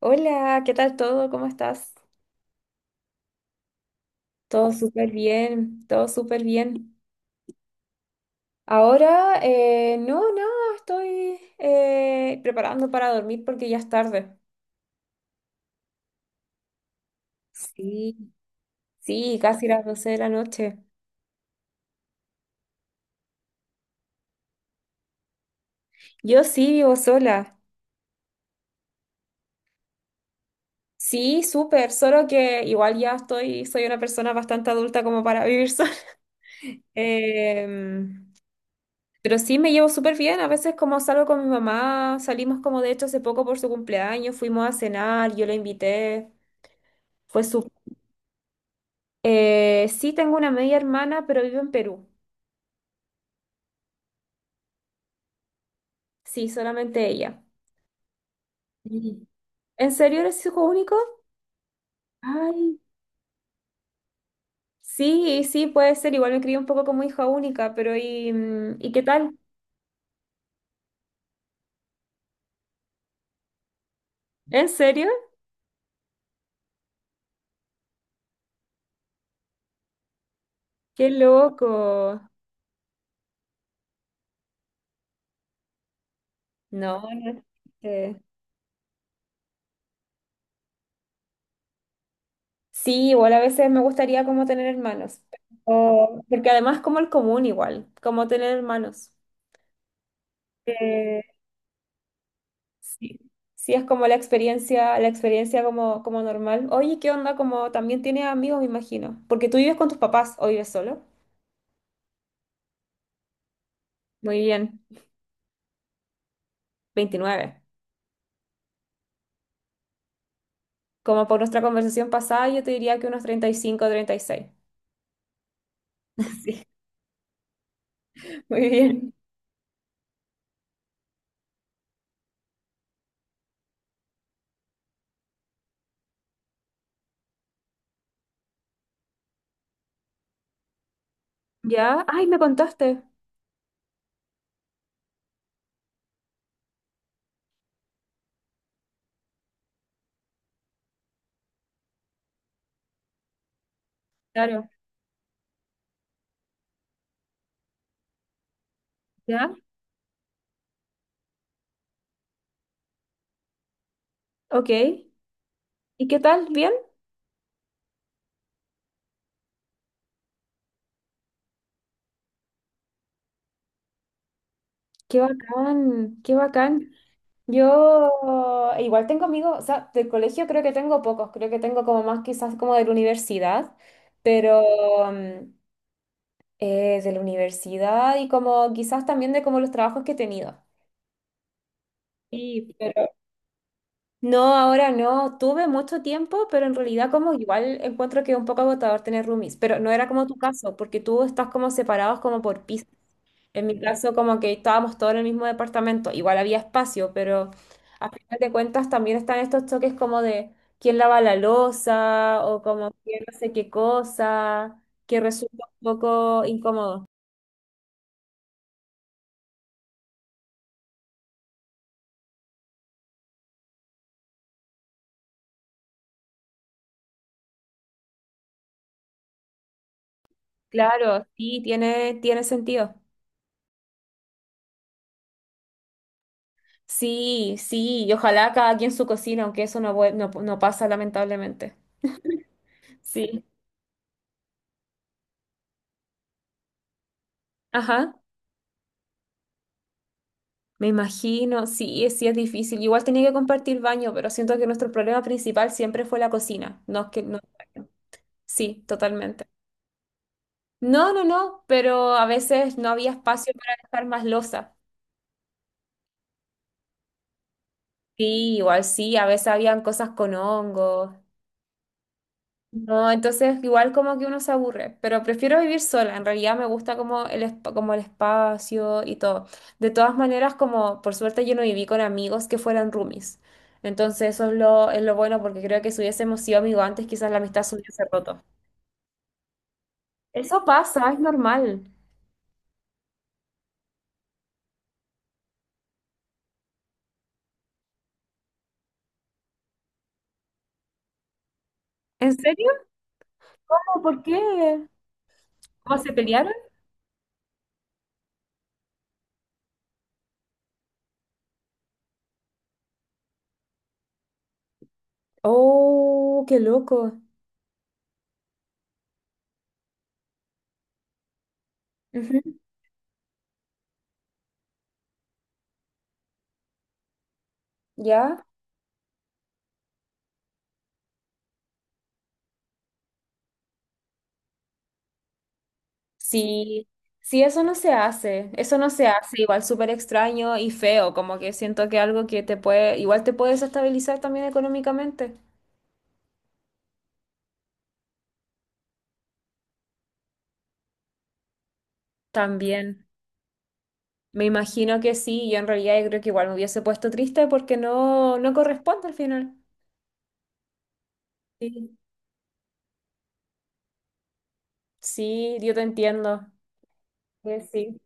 Hola, ¿qué tal todo? ¿Cómo estás? Todo súper bien, todo súper bien. Ahora, no, nada, estoy preparando para dormir porque ya es tarde. Sí, sí, casi las doce de la noche. Yo sí vivo sola. Sí, súper, solo que igual ya estoy, soy una persona bastante adulta como para vivir sola. Em, pero sí me llevo súper bien. A veces como salgo con mi mamá, salimos como de hecho hace poco por su cumpleaños, fuimos a cenar, yo la invité. Fue su... Sí, tengo una media hermana, pero vive en Perú. Sí, solamente ella. Sí. ¿En serio eres hijo único? Ay, sí, sí, puede ser. Igual me crié un poco como hija única, pero ¿y qué tal? ¿En serio? ¡Qué loco! No, no. eh, Sí, igual a veces me gustaría como tener hermanos, o porque además como el común igual, como tener hermanos. Sí, sí, es como la experiencia como, como normal. Oye, ¿qué onda? Como también tienes amigos, me imagino. Porque tú vives con tus papás o vives solo. Muy bien. 29. Como por nuestra conversación pasada, yo te diría que unos 35 o 36. Sí, muy bien. ¿Ya? Ay, me contaste. Claro. ¿Ya? Ok. ¿Y qué tal? ¿Bien? Qué bacán, qué bacán. Yo igual tengo amigos, o sea, del colegio creo que tengo pocos, creo que tengo como más quizás como de la universidad, pero mm, de la universidad y como quizás también de como los trabajos que he tenido. Sí, pero no, ahora no, tuve mucho tiempo, pero en realidad como igual encuentro que es un poco agotador tener roomies, pero no era como tu caso, porque tú estás como separados como por piso. En mi caso, como que estábamos todos en el mismo departamento, igual había espacio, pero a final de cuentas también están estos choques como de quién lava la loza o como quién no sé qué cosa, que resulta un poco incómodo. Claro, sí, tiene sentido. Sí, sí, y ojalá cada quien su cocina, aunque eso no, no, no pasa lamentablemente. Sí, ajá, me imagino, sí, sí es difícil. Igual tenía que compartir baño, pero siento que nuestro problema principal siempre fue la cocina. No es que no. Sí, totalmente. No, no, no, pero a veces no había espacio para dejar más losa. Sí, igual sí, a veces habían cosas con hongos. No, entonces igual como que uno se aburre, pero prefiero vivir sola. En realidad me gusta como el, como el espacio y todo. De todas maneras, como por suerte yo no viví con amigos que fueran roomies. Entonces eso es lo bueno porque creo que si hubiésemos sido amigos antes, quizás la amistad se hubiese roto. Eso pasa, es normal. ¿En serio? ¿Por qué? ¿Cómo se pelearon? Oh, qué loco. Ujú. ¿Ya? Sí, sí, eso no se hace, eso no se hace, igual súper extraño y feo, como que siento que algo que te puede, igual te puede desestabilizar también económicamente. También, me imagino que sí, yo en realidad yo creo que igual me hubiese puesto triste porque no, no corresponde al final. Sí, sí, yo te entiendo. Sí, sí.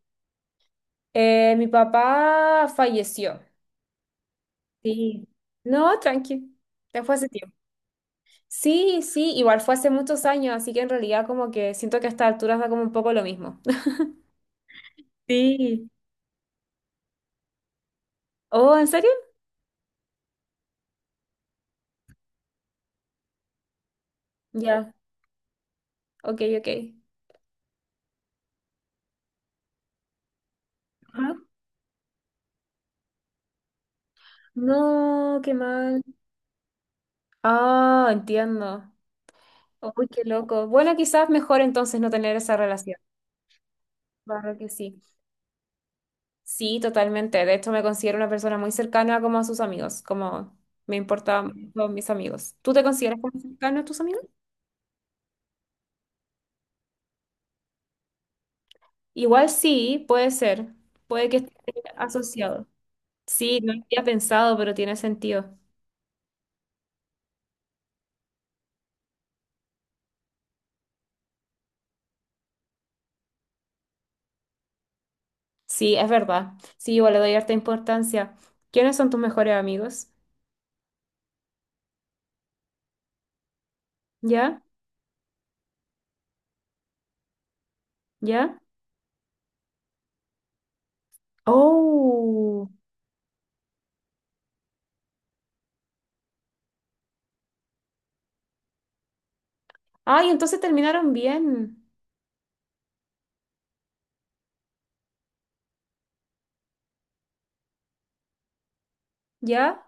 Mi papá falleció. Sí. No, tranqui, ya fue hace tiempo. Sí, sí, igual fue hace muchos años, así que en realidad como que siento que a estas alturas da como un poco lo mismo. Sí. Oh, ¿en serio? Ya, ok, ok. Ajá. No, qué mal. Ah, entiendo. Uy, qué loco. Bueno, quizás mejor entonces no tener esa relación. Claro que sí. Sí, totalmente. De hecho, me considero una persona muy cercana como a sus amigos, como me importan todos mis amigos. ¿Tú te consideras como cercano a tus amigos? Igual sí, puede ser. Puede que esté asociado. Sí, no lo había pensado, pero tiene sentido. Sí, es verdad. Sí, igual le doy harta importancia. ¿Quiénes son tus mejores amigos? ¿Ya? ¿Ya? Oh. Ay, entonces terminaron bien. ¿Ya?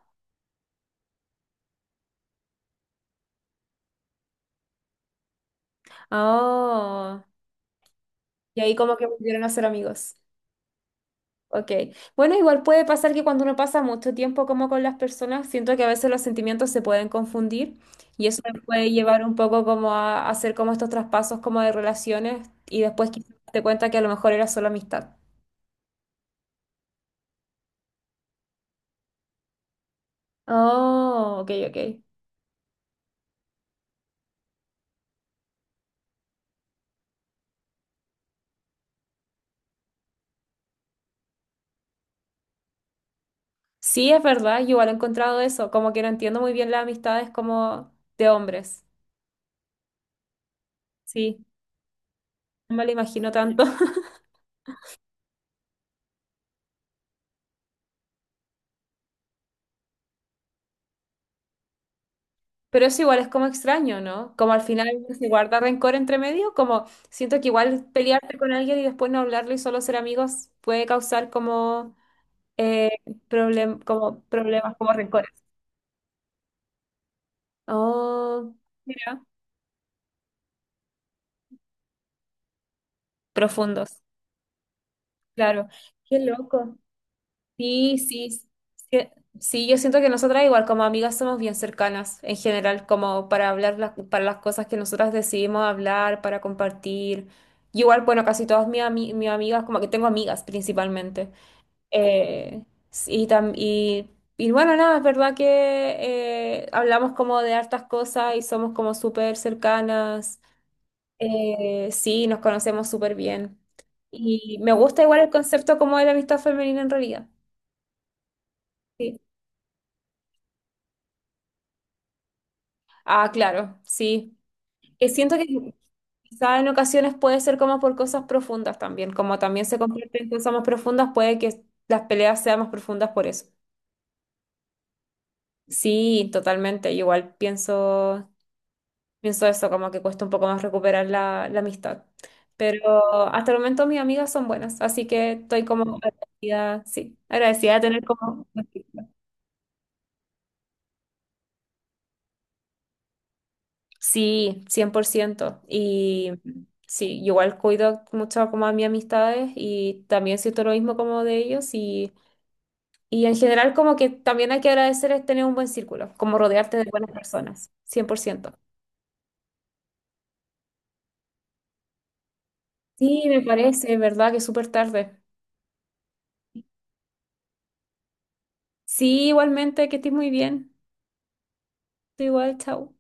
Oh. Y ahí como que volvieron a ser amigos. Ok. Bueno, igual puede pasar que cuando uno pasa mucho tiempo como con las personas, siento que a veces los sentimientos se pueden confundir y eso me puede llevar un poco como a hacer como estos traspasos como de relaciones y después quizás te cuenta que a lo mejor era solo amistad. Oh, ok, ok. Sí, es verdad, yo igual he encontrado eso, como que no entiendo muy bien las amistades como de hombres. Sí, no me lo imagino tanto. Pero eso igual es como extraño, ¿no? Como al final se guarda rencor entre medio, como siento que igual pelearte con alguien y después no hablarlo y solo ser amigos puede causar como, eh, como problemas, como rencores. Oh, mira, profundos, claro. Qué loco. Sí, sí, sí, sí, yo siento que nosotras igual como amigas somos bien cercanas en general, como para hablar las, para las cosas que nosotras decidimos hablar, para compartir. Y igual, bueno, casi todas mis, mis amigas, como que tengo amigas principalmente. Eh, y, tam- y, y bueno, nada, es verdad que hablamos como de hartas cosas y somos como súper cercanas. Sí, nos conocemos súper bien. Y me gusta igual el concepto como de la amistad femenina en realidad. Sí. Ah, claro, sí. Que siento que quizá en ocasiones puede ser como por cosas profundas también, como también se convierte en cosas más profundas, puede que las peleas sean más profundas por eso. Sí, totalmente. Igual pienso eso, como que cuesta un poco más recuperar la, la amistad. Pero hasta el momento mis amigas son buenas, así que estoy como agradecida, sí, agradecida de tener como... Sí, 100%. Y sí, igual cuido mucho como a mis amistades y también siento lo mismo como de ellos y en general como que también hay que agradecer es tener un buen círculo, como rodearte de buenas personas, 100%. Sí, me parece, ¿verdad? Que es súper tarde. Sí, igualmente, que estés muy bien. Tú igual, chao.